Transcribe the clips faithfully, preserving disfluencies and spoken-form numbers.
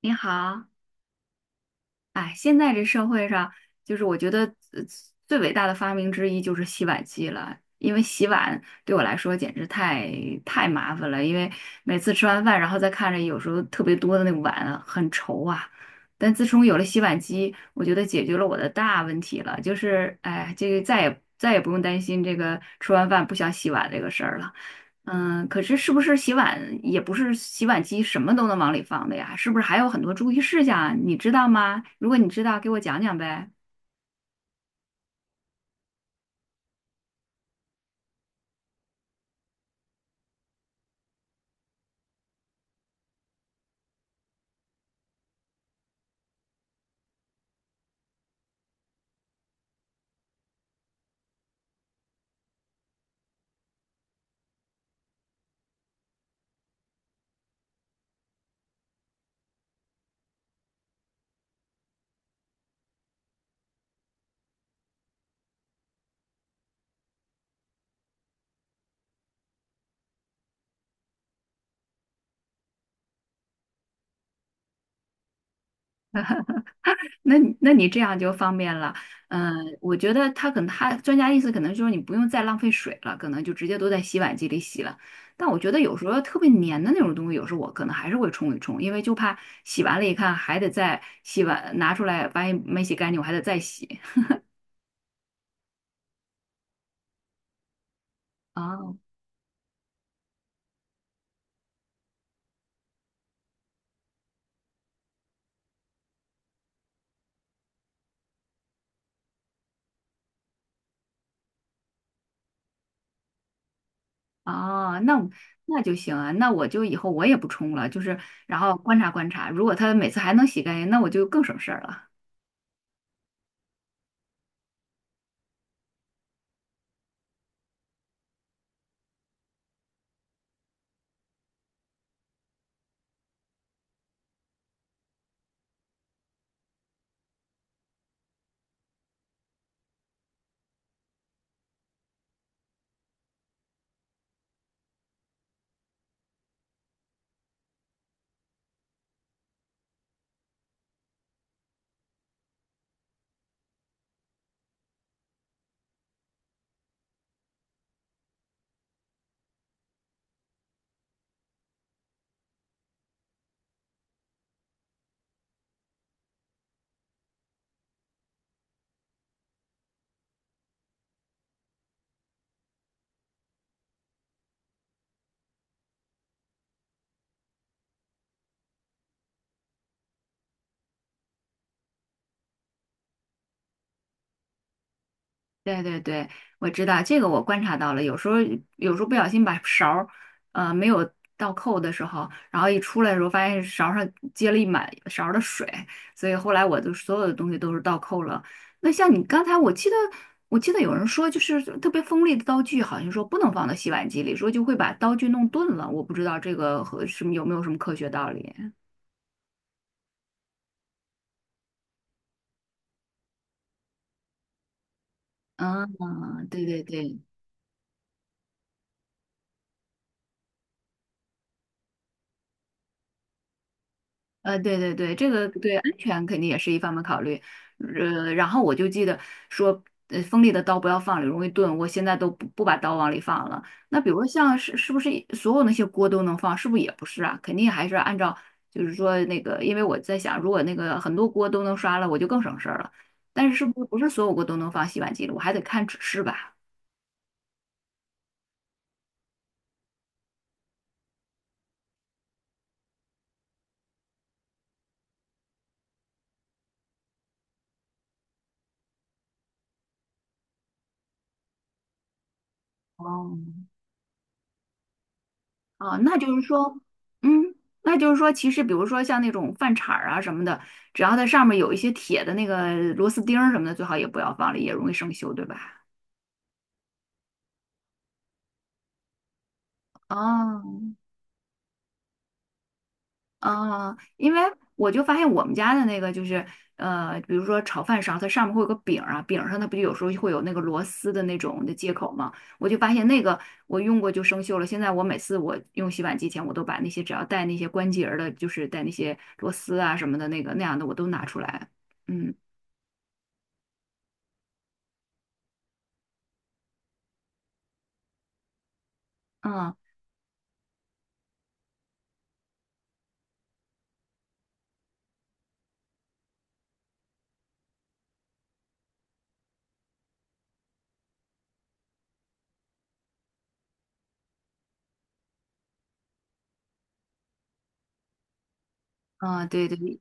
你好，哎，现在这社会上，就是我觉得呃最伟大的发明之一就是洗碗机了，因为洗碗对我来说简直太太麻烦了，因为每次吃完饭，然后再看着有时候特别多的那个碗啊很愁啊。但自从有了洗碗机，我觉得解决了我的大问题了，就是哎，这个再也再也不用担心这个吃完饭不想洗碗这个事儿了。嗯，可是是不是洗碗也不是洗碗机什么都能往里放的呀？是不是还有很多注意事项啊你知道吗？如果你知道，给我讲讲呗。那你那你这样就方便了。嗯，我觉得他可能他专家意思可能就是你不用再浪费水了，可能就直接都在洗碗机里洗了。但我觉得有时候特别粘的那种东西，有时候我可能还是会冲一冲，因为就怕洗完了一看还得再洗碗，拿出来发现没洗干净，我还得再洗。啊。哦，那那就行啊，那我就以后我也不冲了，就是然后观察观察，如果他每次还能洗干净，那我就更省事儿了。对对对，我知道这个，我观察到了。有时候有时候不小心把勺儿，呃，没有倒扣的时候，然后一出来的时候，发现勺儿上接了一满勺儿的水，所以后来我就所有的东西都是倒扣了。那像你刚才，我记得我记得有人说，就是特别锋利的刀具，好像说不能放到洗碗机里，说就会把刀具弄钝了。我不知道这个和什么有没有什么科学道理。嗯，对对对。呃，对对对，这个对安全肯定也是一方面考虑。呃，然后我就记得说，呃，锋利的刀不要放里，容易钝。我现在都不不把刀往里放了。那比如像是是不是所有那些锅都能放？是不是也不是啊？肯定还是按照就是说那个，因为我在想，如果那个很多锅都能刷了，我就更省事儿了。但是是不是不是所有锅都能放洗碗机里？我还得看指示吧。哦，啊，那就是说，嗯，那就是说，其实比如说像那种饭铲儿啊什么的，只要它上面有一些铁的那个螺丝钉儿什么的，最好也不要放了，也容易生锈，对吧？哦，哦，因为我就发现我们家的那个就是，呃，比如说炒饭勺，它上面会有个柄儿啊，柄儿上它不就有时候会有那个螺丝的那种的接口吗？我就发现那个我用过就生锈了。现在我每次我用洗碗机前，我都把那些只要带那些关节儿的，就是带那些螺丝啊什么的那个那样的，我都拿出来。嗯。嗯嗯，对对，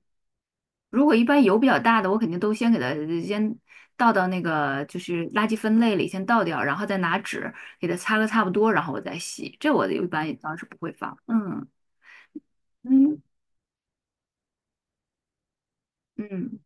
如果一般油比较大的，我肯定都先给它先倒到那个就是垃圾分类里先倒掉，然后再拿纸给它擦个差不多，然后我再洗。这我一般也当是不会放。嗯嗯。嗯。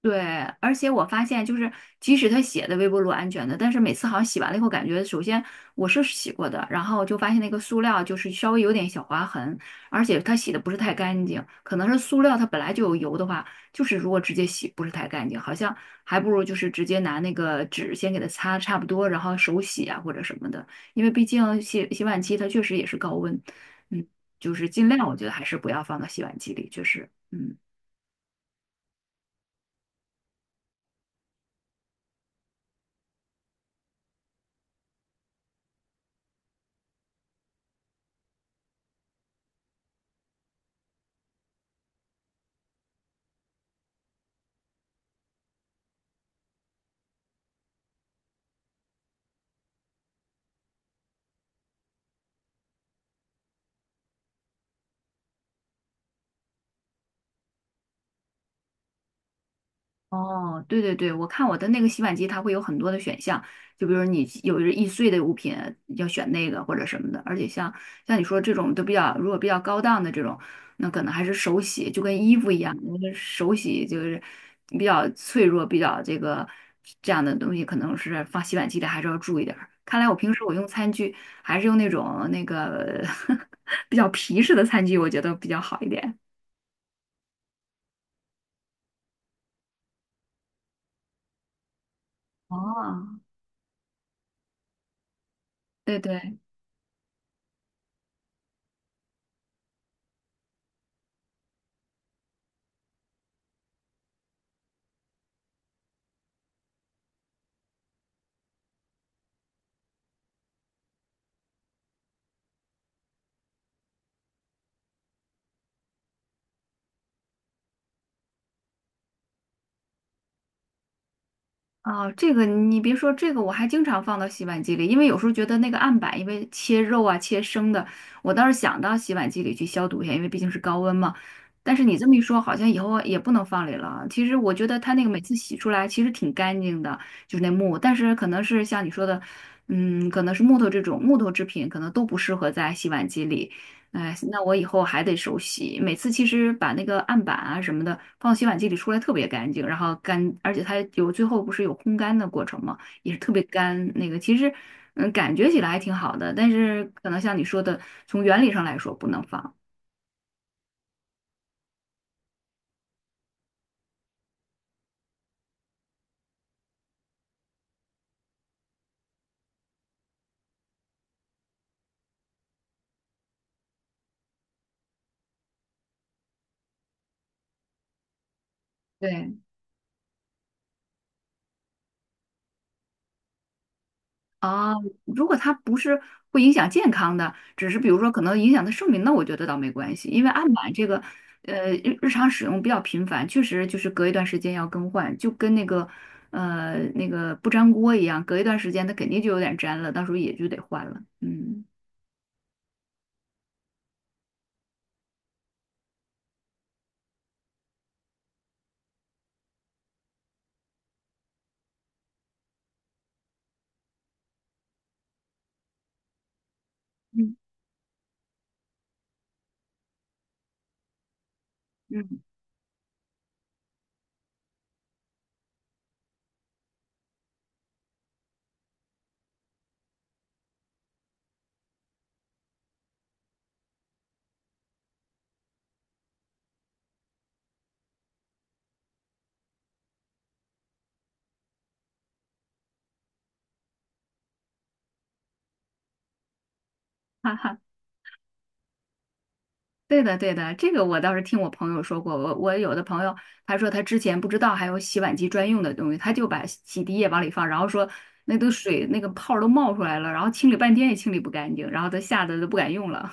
对，而且我发现，就是即使他写的微波炉安全的，但是每次好像洗完了以后，感觉首先我是洗过的，然后就发现那个塑料就是稍微有点小划痕，而且它洗的不是太干净，可能是塑料它本来就有油的话，就是如果直接洗不是太干净，好像还不如就是直接拿那个纸先给它擦差不多，然后手洗啊或者什么的，因为毕竟洗洗碗机它确实也是高温，嗯，就是尽量我觉得还是不要放到洗碗机里，确实，嗯。哦，对对对，我看我的那个洗碗机，它会有很多的选项，就比如你有易碎的物品要选那个或者什么的，而且像像你说这种都比较，如果比较高档的这种，那可能还是手洗，就跟衣服一样，那个手洗就是比较脆弱，比较这个这样的东西，可能是放洗碗机里还是要注意点儿。看来我平时我用餐具还是用那种那个 比较皮实的餐具，我觉得比较好一点。哦，对对。哦，这个你别说，这个我还经常放到洗碗机里，因为有时候觉得那个案板，因为切肉啊、切生的，我倒是想到洗碗机里去消毒一下，因为毕竟是高温嘛。但是你这么一说，好像以后也不能放里了。其实我觉得它那个每次洗出来其实挺干净的，就是那木，但是可能是像你说的，嗯，可能是木头这种木头制品，可能都不适合在洗碗机里。哎，那我以后还得手洗。每次其实把那个案板啊什么的放洗碗机里出来特别干净，然后干，而且它有最后不是有烘干的过程嘛，也是特别干。那个其实，嗯，感觉起来还挺好的，但是可能像你说的，从原理上来说不能放。对。啊，如果它不是会影响健康的，只是比如说可能影响它寿命，那我觉得倒没关系，因为案板这个，呃，日日常使用比较频繁，确实就是隔一段时间要更换，就跟那个，呃，那个不粘锅一样，隔一段时间它肯定就有点粘了，到时候也就得换了。嗯嗯，嗯，哈哈。对的，对的，这个我倒是听我朋友说过。我我有的朋友他说他之前不知道还有洗碗机专用的东西，他就把洗涤液往里放，然后说那都水那个泡儿都冒出来了，然后清理半天也清理不干净，然后他吓得都不敢用了。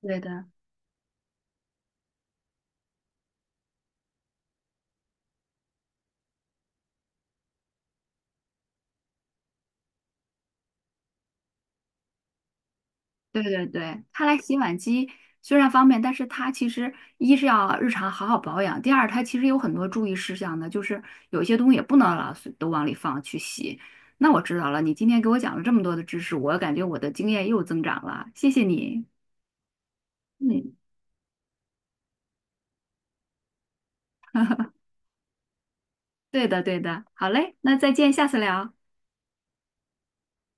对的，对对对，看来洗碗机虽然方便，但是它其实一是要日常好好保养，第二它其实有很多注意事项的，就是有一些东西也不能老是都往里放去洗。那我知道了，你今天给我讲了这么多的知识，我感觉我的经验又增长了，谢谢你。嗯，对的，对的，好嘞，那再见，下次聊。